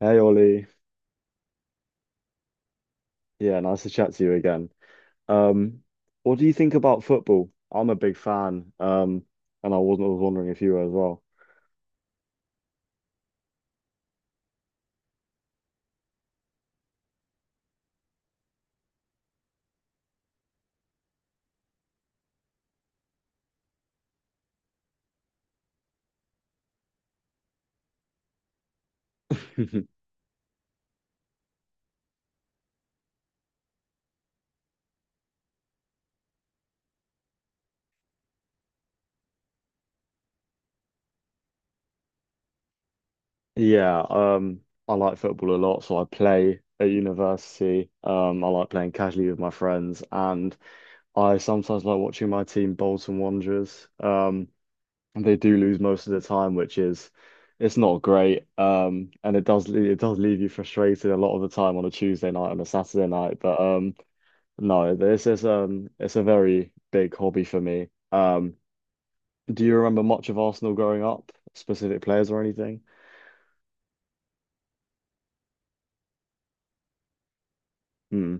Hey Ollie, yeah, nice to chat to you again. Um, what do you think about football? I'm a big fan, and I was wondering if you were as well. Yeah, I like football a lot, so I play at university. I like playing casually with my friends, and I sometimes like watching my team, Bolton Wanderers. And they do lose most of the time, which is it's not great. And it does it does leave you frustrated a lot of the time on a Tuesday night and a Saturday night, but. No, this is it's a very big hobby for me. Do you remember much of Arsenal growing up? Specific players or anything? Hmm.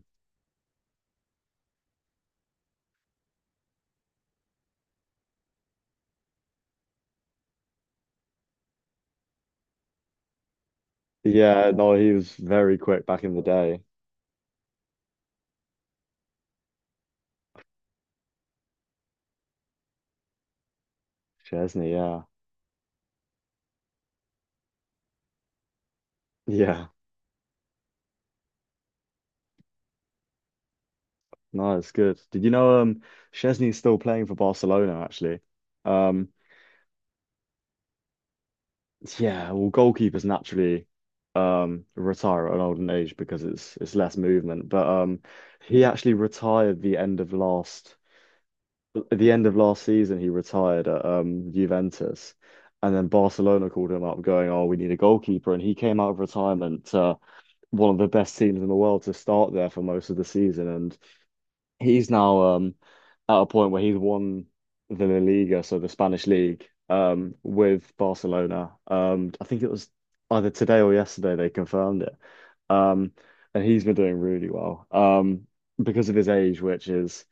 Yeah, no, he was very quick back in the day. Chesney, yeah. Yeah. No, it's good. Did you know Chesney's still playing for Barcelona actually? Um yeah, well goalkeepers naturally retire at an older age because it's less movement. But he actually retired the end of last at the end of last season, he retired at Juventus, and then Barcelona called him up, going, "Oh, we need a goalkeeper," and he came out of retirement to one of the best teams in the world to start there for most of the season, and he's now at a point where he's won the La Liga, so the Spanish league, with Barcelona. I think it was either today or yesterday they confirmed it. Um, and he's been doing really well because of his age, which is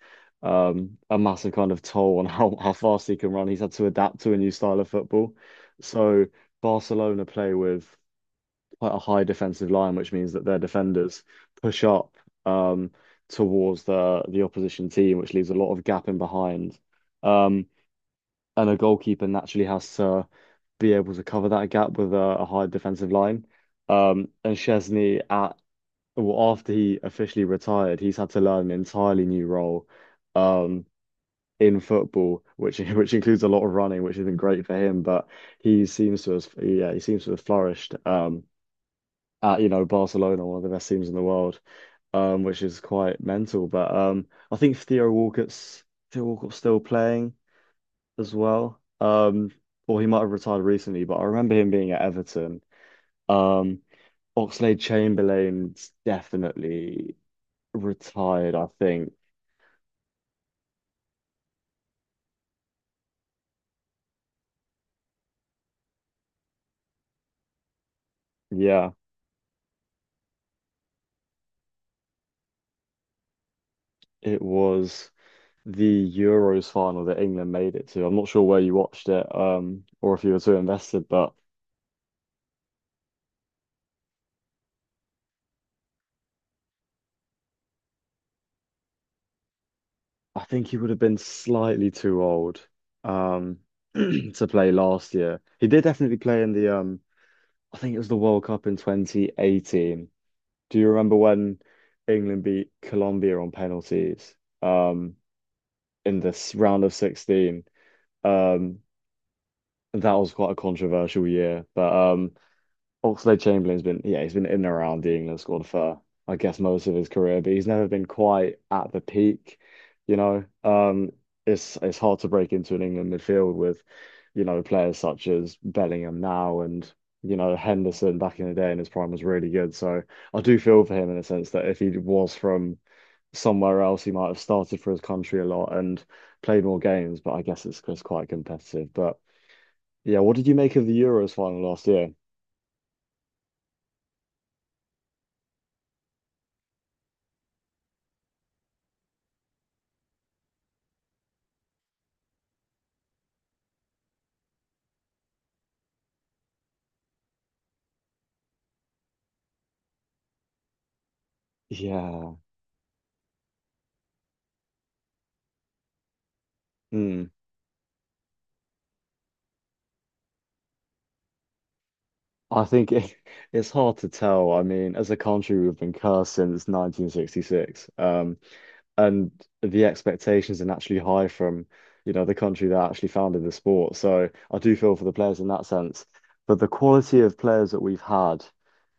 a massive kind of toll on how fast he can run. He's had to adapt to a new style of football. So Barcelona play with quite a high defensive line, which means that their defenders push up um, towards the opposition team, which leaves a lot of gap in behind. Um, and a goalkeeper naturally has to be able to cover that gap with a high defensive line. And Chesney at Well, after he officially retired, he's had to learn an entirely new role um, in football, which which includes a lot of running, which isn't great for him. But he seems to have, yeah, he seems to have flourished at you know Barcelona, one of the best teams in the world, which is quite mental. But I think Theo Walcott's still playing as well, or he might have retired recently. But I remember him being at Everton. Um, Oxlade-Chamberlain's definitely retired, I think. Yeah, it was the Euros final that England made it to. I'm not sure where you watched it, or if you were too invested, but I think he would have been slightly too old, um, to play last year. He did definitely play in I think it was the World Cup in 2018. Do you remember when England beat Colombia on penalties, um, in this round of 16? Um, that was quite a controversial year, but. Oxlade Chamberlain's been yeah, he's been in and around the England squad for I guess most of his career, but he's never been quite at the peak, you know. It's hard to break into an England midfield with, you know, players such as Bellingham now and you know Henderson back in the day in his prime was really good. So I do feel for him in a sense that if he was from somewhere else, he might have started for his country a lot and played more games, but I guess it's quite competitive. But yeah, what did you make of the Euros final last year? Yeah. Mm. I think it's hard to tell. I mean, as a country, we've been cursed since 1966. And the expectations are naturally high from, you know, the country that actually founded the sport. So I do feel for the players in that sense. But the quality of players that we've had,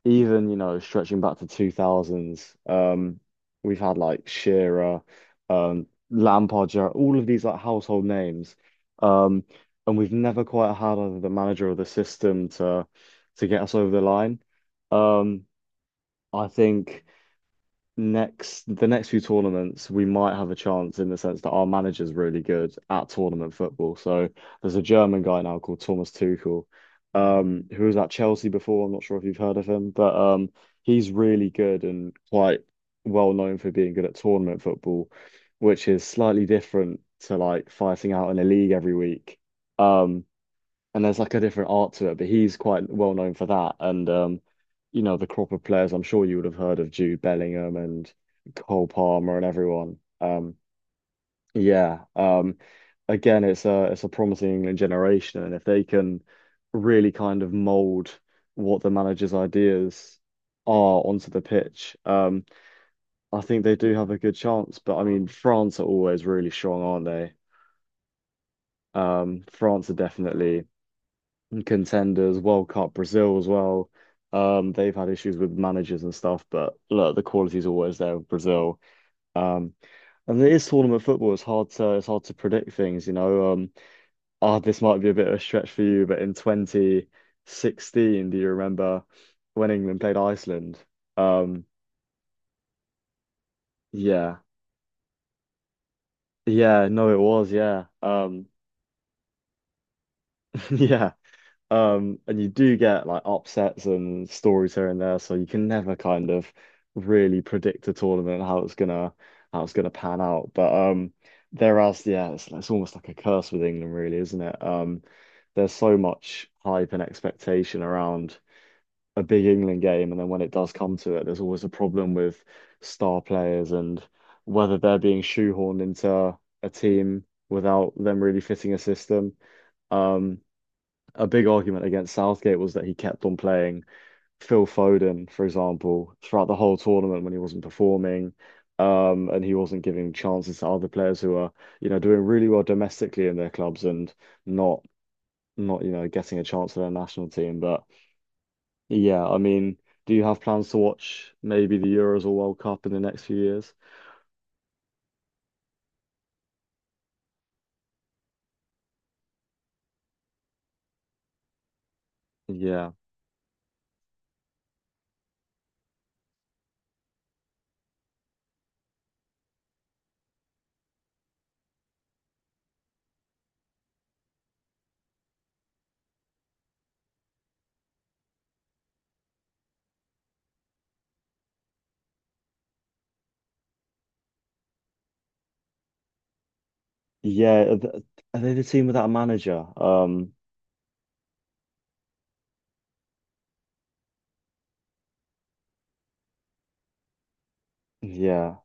even, you know, stretching back to 2000s, we've had like Shearer, Lampard, Gerrard, all of these like household names. Um, and we've never quite had either the manager or the system to get us over the line. Um, I think next the next few tournaments we might have a chance in the sense that our manager's really good at tournament football. So there's a German guy now called Thomas Tuchel, who was at Chelsea before. I'm not sure if you've heard of him, but he's really good and quite well known for being good at tournament football, which is slightly different to like fighting out in a league every week. Um, and there's like a different art to it, but he's quite well known for that. And you know, the crop of players I'm sure you would have heard of Jude Bellingham and Cole Palmer and everyone. Yeah. Again, it's a promising England generation, and if they can really kind of mold what the manager's ideas are onto the pitch, I think they do have a good chance. But I mean, France are always really strong, aren't they? France are definitely contenders, World Cup, Brazil as well. They've had issues with managers and stuff, but look, the quality's always there with Brazil. Um, and it is tournament football. It's hard to predict things, you know. Ah, this might be a bit of a stretch for you, but in 2016, do you remember when England played Iceland? Um, yeah, yeah, no, it was, yeah, yeah. And you do get like upsets and stories here and there, so you can never kind of really predict a tournament how it's gonna pan out. But there is yeah, it's almost like a curse with England, really, isn't it? There's so much hype and expectation around a big England game, and then when it does come to it, there's always a problem with star players and whether they're being shoehorned into a team without them really fitting a system. Um, a big argument against Southgate was that he kept on playing Phil Foden, for example, throughout the whole tournament when he wasn't performing. And he wasn't giving chances to other players who are, you know, doing really well domestically in their clubs and not not, you know, getting a chance for their national team. But yeah, I mean, do you have plans to watch maybe the Euros or World Cup in the next few years? Yeah. Yeah. Are are they the team without a manager? Yeah,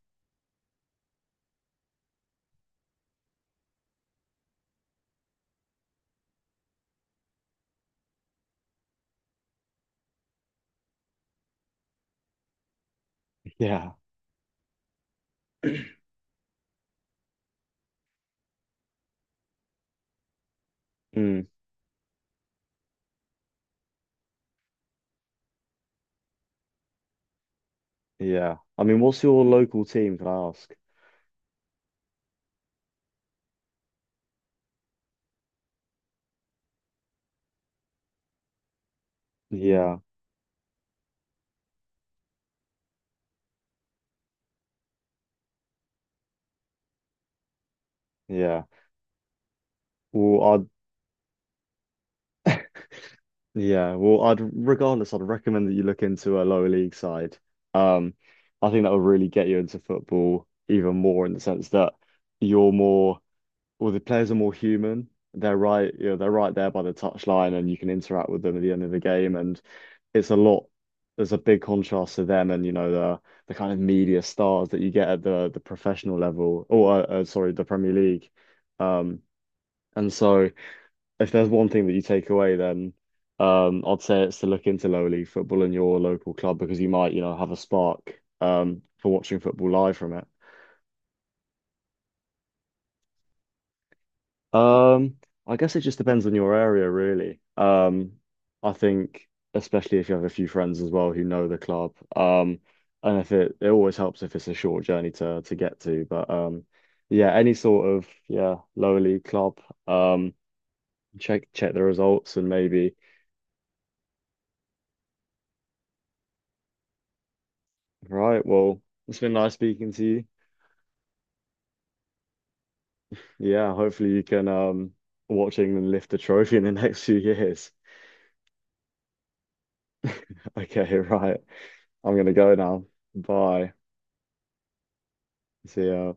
yeah. Mm. Yeah. I mean, what's your local team, can I ask? Yeah, yeah. Well, I'd yeah, well, I'd regardless, I'd recommend that you look into a lower league side. Um, I think that will really get you into football even more in the sense that you're more, well, the players are more human. They're right, you know, they're right there by the touchline, and you can interact with them at the end of the game. And it's a lot. There's a big contrast to them and you know the kind of media stars that you get at the professional level or sorry, the Premier League. Um, and so if there's one thing that you take away, then I'd say it's to look into lower league football in your local club because you might you know have a spark for watching football live from it. Um, I guess it just depends on your area, really. I think especially if you have a few friends as well who know the club. And if it it always helps if it's a short journey to get to. But yeah, any sort of yeah lower league club. Um, check the results and maybe right. Well, it's been nice speaking to you. Yeah, hopefully you can watch England lift the trophy in the next few years. Okay, right. I'm gonna go now. Bye. See ya.